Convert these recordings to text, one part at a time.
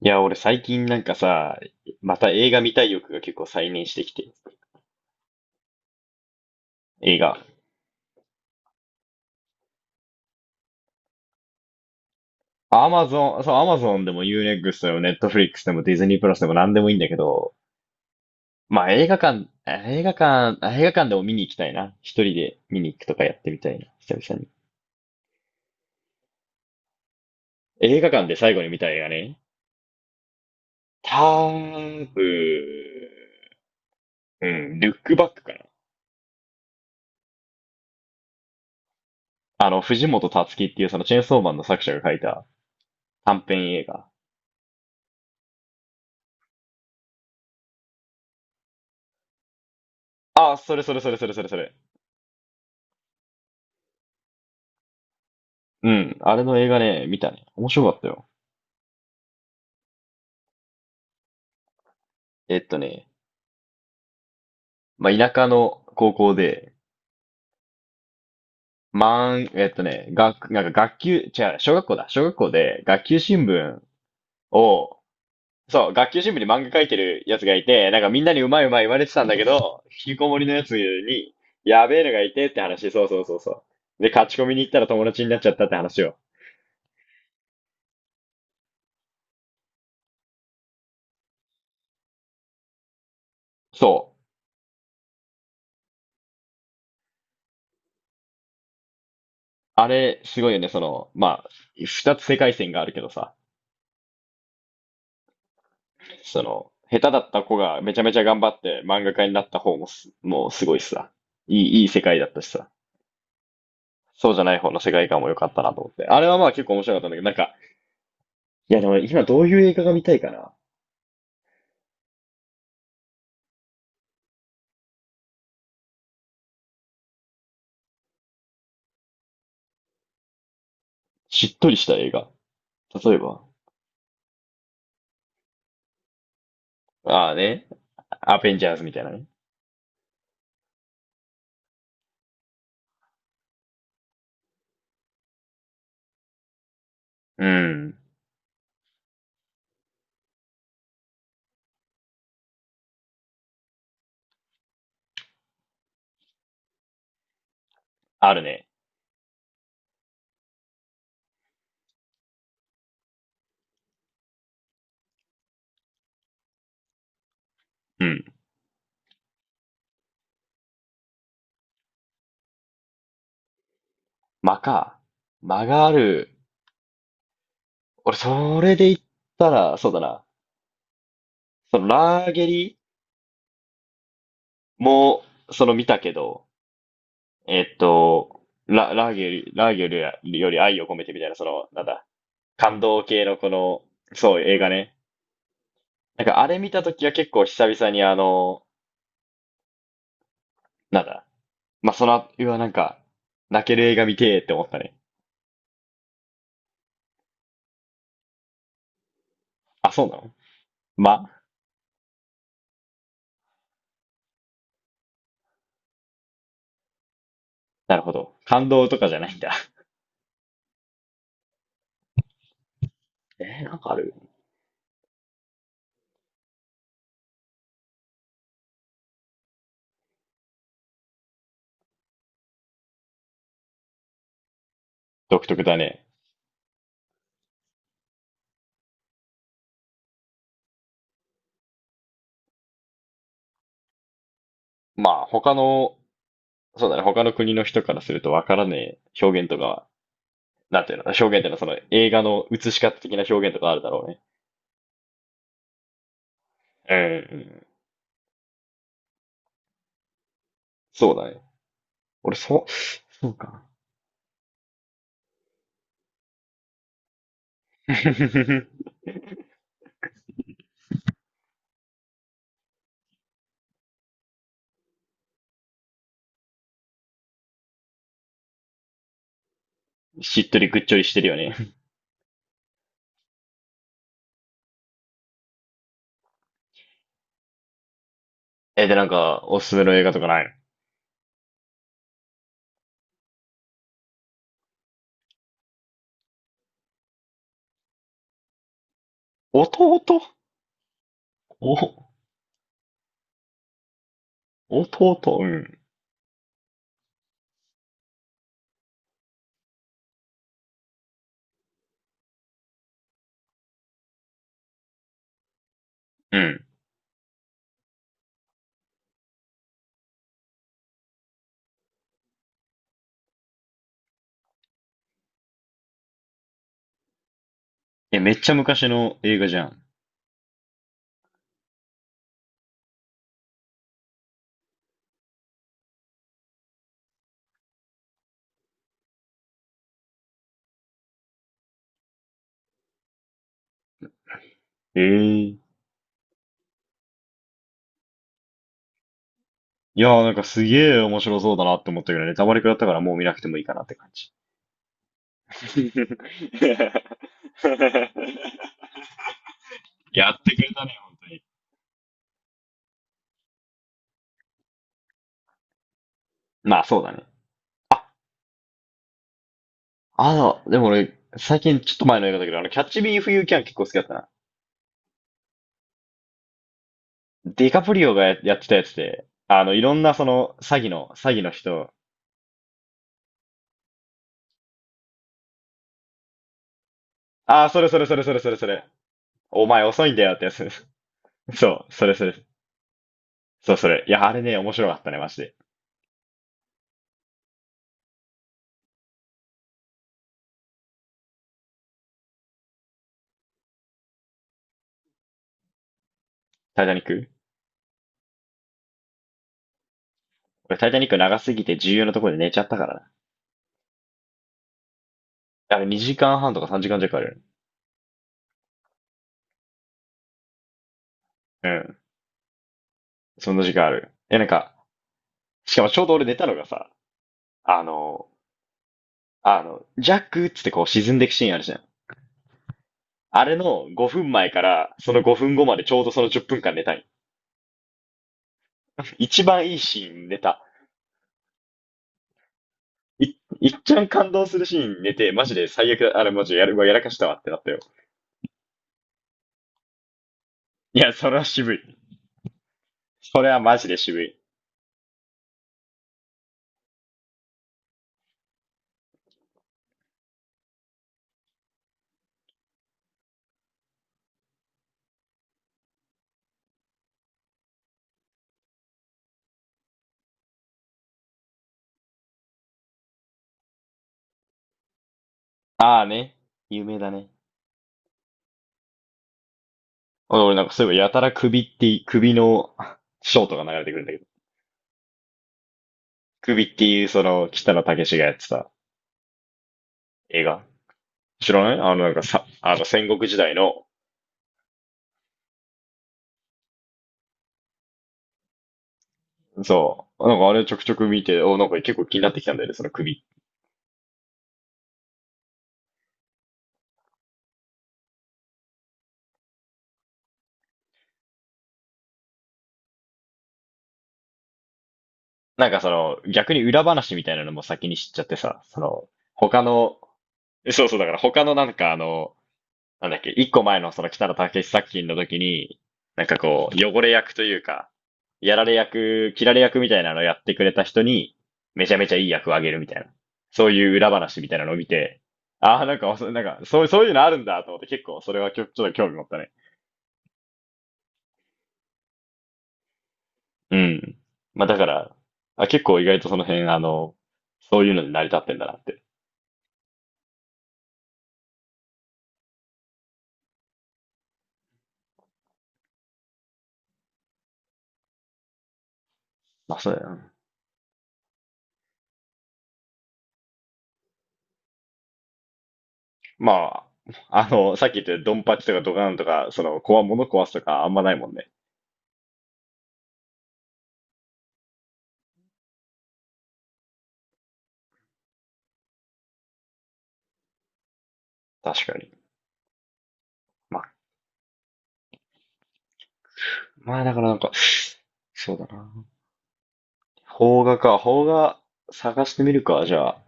いや、俺最近なんかさ、また映画見たい欲が結構再燃してきて、映画。アマゾン、そう、アマゾンでも U-NEXT でも Netflix でもディズニープラスでも何でもいいんだけど、まあ映画館でも見に行きたいな。一人で見に行くとかやってみたいな、久々に。映画館で最後に見た映画ね。多分、うん、ルックバックかな。藤本つ樹っていうそのチェーンソーマンの作者が書いた短編映画。あ、それそれそれそれそれそれ。うん、あれの映画ね、見たね。面白かったよ。えっとね、まあ、田舎の高校で、なんか学級、違う、小学校だ。小学校で学級新聞を、そう、学級新聞に漫画書いてるやつがいて、なんかみんなにうまいうまい言われてたんだけど、引きこもりのやつに、やべえのがいてって話、そうそうそうそう。で、勝ち込みに行ったら友達になっちゃったって話を。そう。あれ、すごいよね、その、まあ、二つ世界線があるけどさ。その、下手だった子がめちゃめちゃ頑張って漫画家になった方ももうすごいしさ。いい世界だったしさ。そうじゃない方の世界観も良かったなと思って。あれはまあ結構面白かったんだけど、なんか、いやでも今どういう映画が見たいかな。しっとりした映画。例えば。ああね。アベンジャーズみたいなね。うん。あるね。うん。間か。間がある。俺、それで言ったら、そうだな。その、ラーゲリも、その見たけど、えっと、ラーゲルより愛を込めてみたいな、その、なんだ、感動系のこの、そう、映画ね。なんかあれ見たときは結構久々にあの、なんだ、まあ、その、うわ、なんか、泣ける映画見てーって思ったね。あ、そうなのま、なるほど。感動とかじゃないんだ。なんかある？独特だね。まあ、他の、そうだね、他の国の人からするとわからねえ表現とかなんていうの、表現っていうのはその映画の映し方的な表現とかあるだろうね。うん、うん。そうだね。俺、そうか。しっとりぐっちょりしてるよね。え、で、なんか、おすすめの映画とかない？の弟お、弟うん。うん。え、めっちゃ昔の映画じゃん。ええ、いやー、なんかすげえ面白そうだなって思ったけどね、ネタバレくらったからもう見なくてもいいかなって感じ。やってくれたね、本当に。まあ、そうだね。あ、でも俺、最近ちょっと前の映画だけど、キャッチビーフユーキャン結構好きだったな。ディカプリオがやってたやつで、いろんなその、詐欺の人、ああ、それそれそれそれそれそれ、お前遅いんだよってやつ。そう、それそれ、そうそれ。いや、あれね、面白かったね、マジで。タイタニック。俺、タイタニック長すぎて重要なところで寝ちゃったからな。あれ、2時間半とか3時間弱あるよね。うん、そんな時間ある？え、なんか、しかもちょうど俺寝たのがさ、あの、ジャックっつってこう沈んでいくシーンあるじゃん。あれの5分前から、その5分後までちょうどその10分間寝たい。一番いいシーン寝た。い、いっちゃん感動するシーン寝て、マジで最悪だ、あれマジやる、うわやらかしたわってなったよ。いや、それは渋い。それはマジで渋い。ああね。有名だね。俺なんかそういえばやたら首ってい、首のショートが流れてくるんだけど。首っていうその北野武がやってた映画。知らない。なんかさ、あの戦国時代の、そう。なんかあれちょくちょく見て、お、なんか結構気になってきたんだよね、その首。なんかその、逆に裏話みたいなのも先に知っちゃってさ、その、他の、そうそう、だから他のなんかなんだっけ、一個前のその北野武作品の時に、なんかこう、汚れ役というか、やられ役、切られ役みたいなのをやってくれた人に、めちゃめちゃいい役をあげるみたいな。そういう裏話みたいなのを見て、ああ、なんか、そうなんか、そう、そういうのあるんだと思って結構それはちょっと興味持ったね。うん。まあだから、あ、結構意外とその辺、そういうので成り立ってんだなって。まあそうだよな。まあ、さっき言ったようにドンパチとかドカンとか、その、物壊すとかあんまないもんね。確かに。まあ、だからなんか、そうだな。邦画か、邦画探してみるか、じゃあ、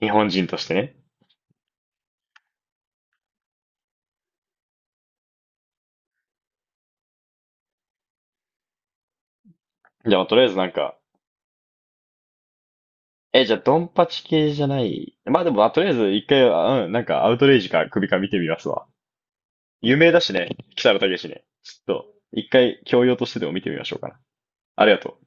日本人としてね。じゃあ、とりあえずなんか、え、じゃあ、ドンパチ系じゃない。まあでも、まあ、とりあえず一回は、うん、なんか、アウトレイジか首か見てみますわ。有名だしね、北野武ね。ちょっと、一回、教養としてでも見てみましょうかな。ありがとう。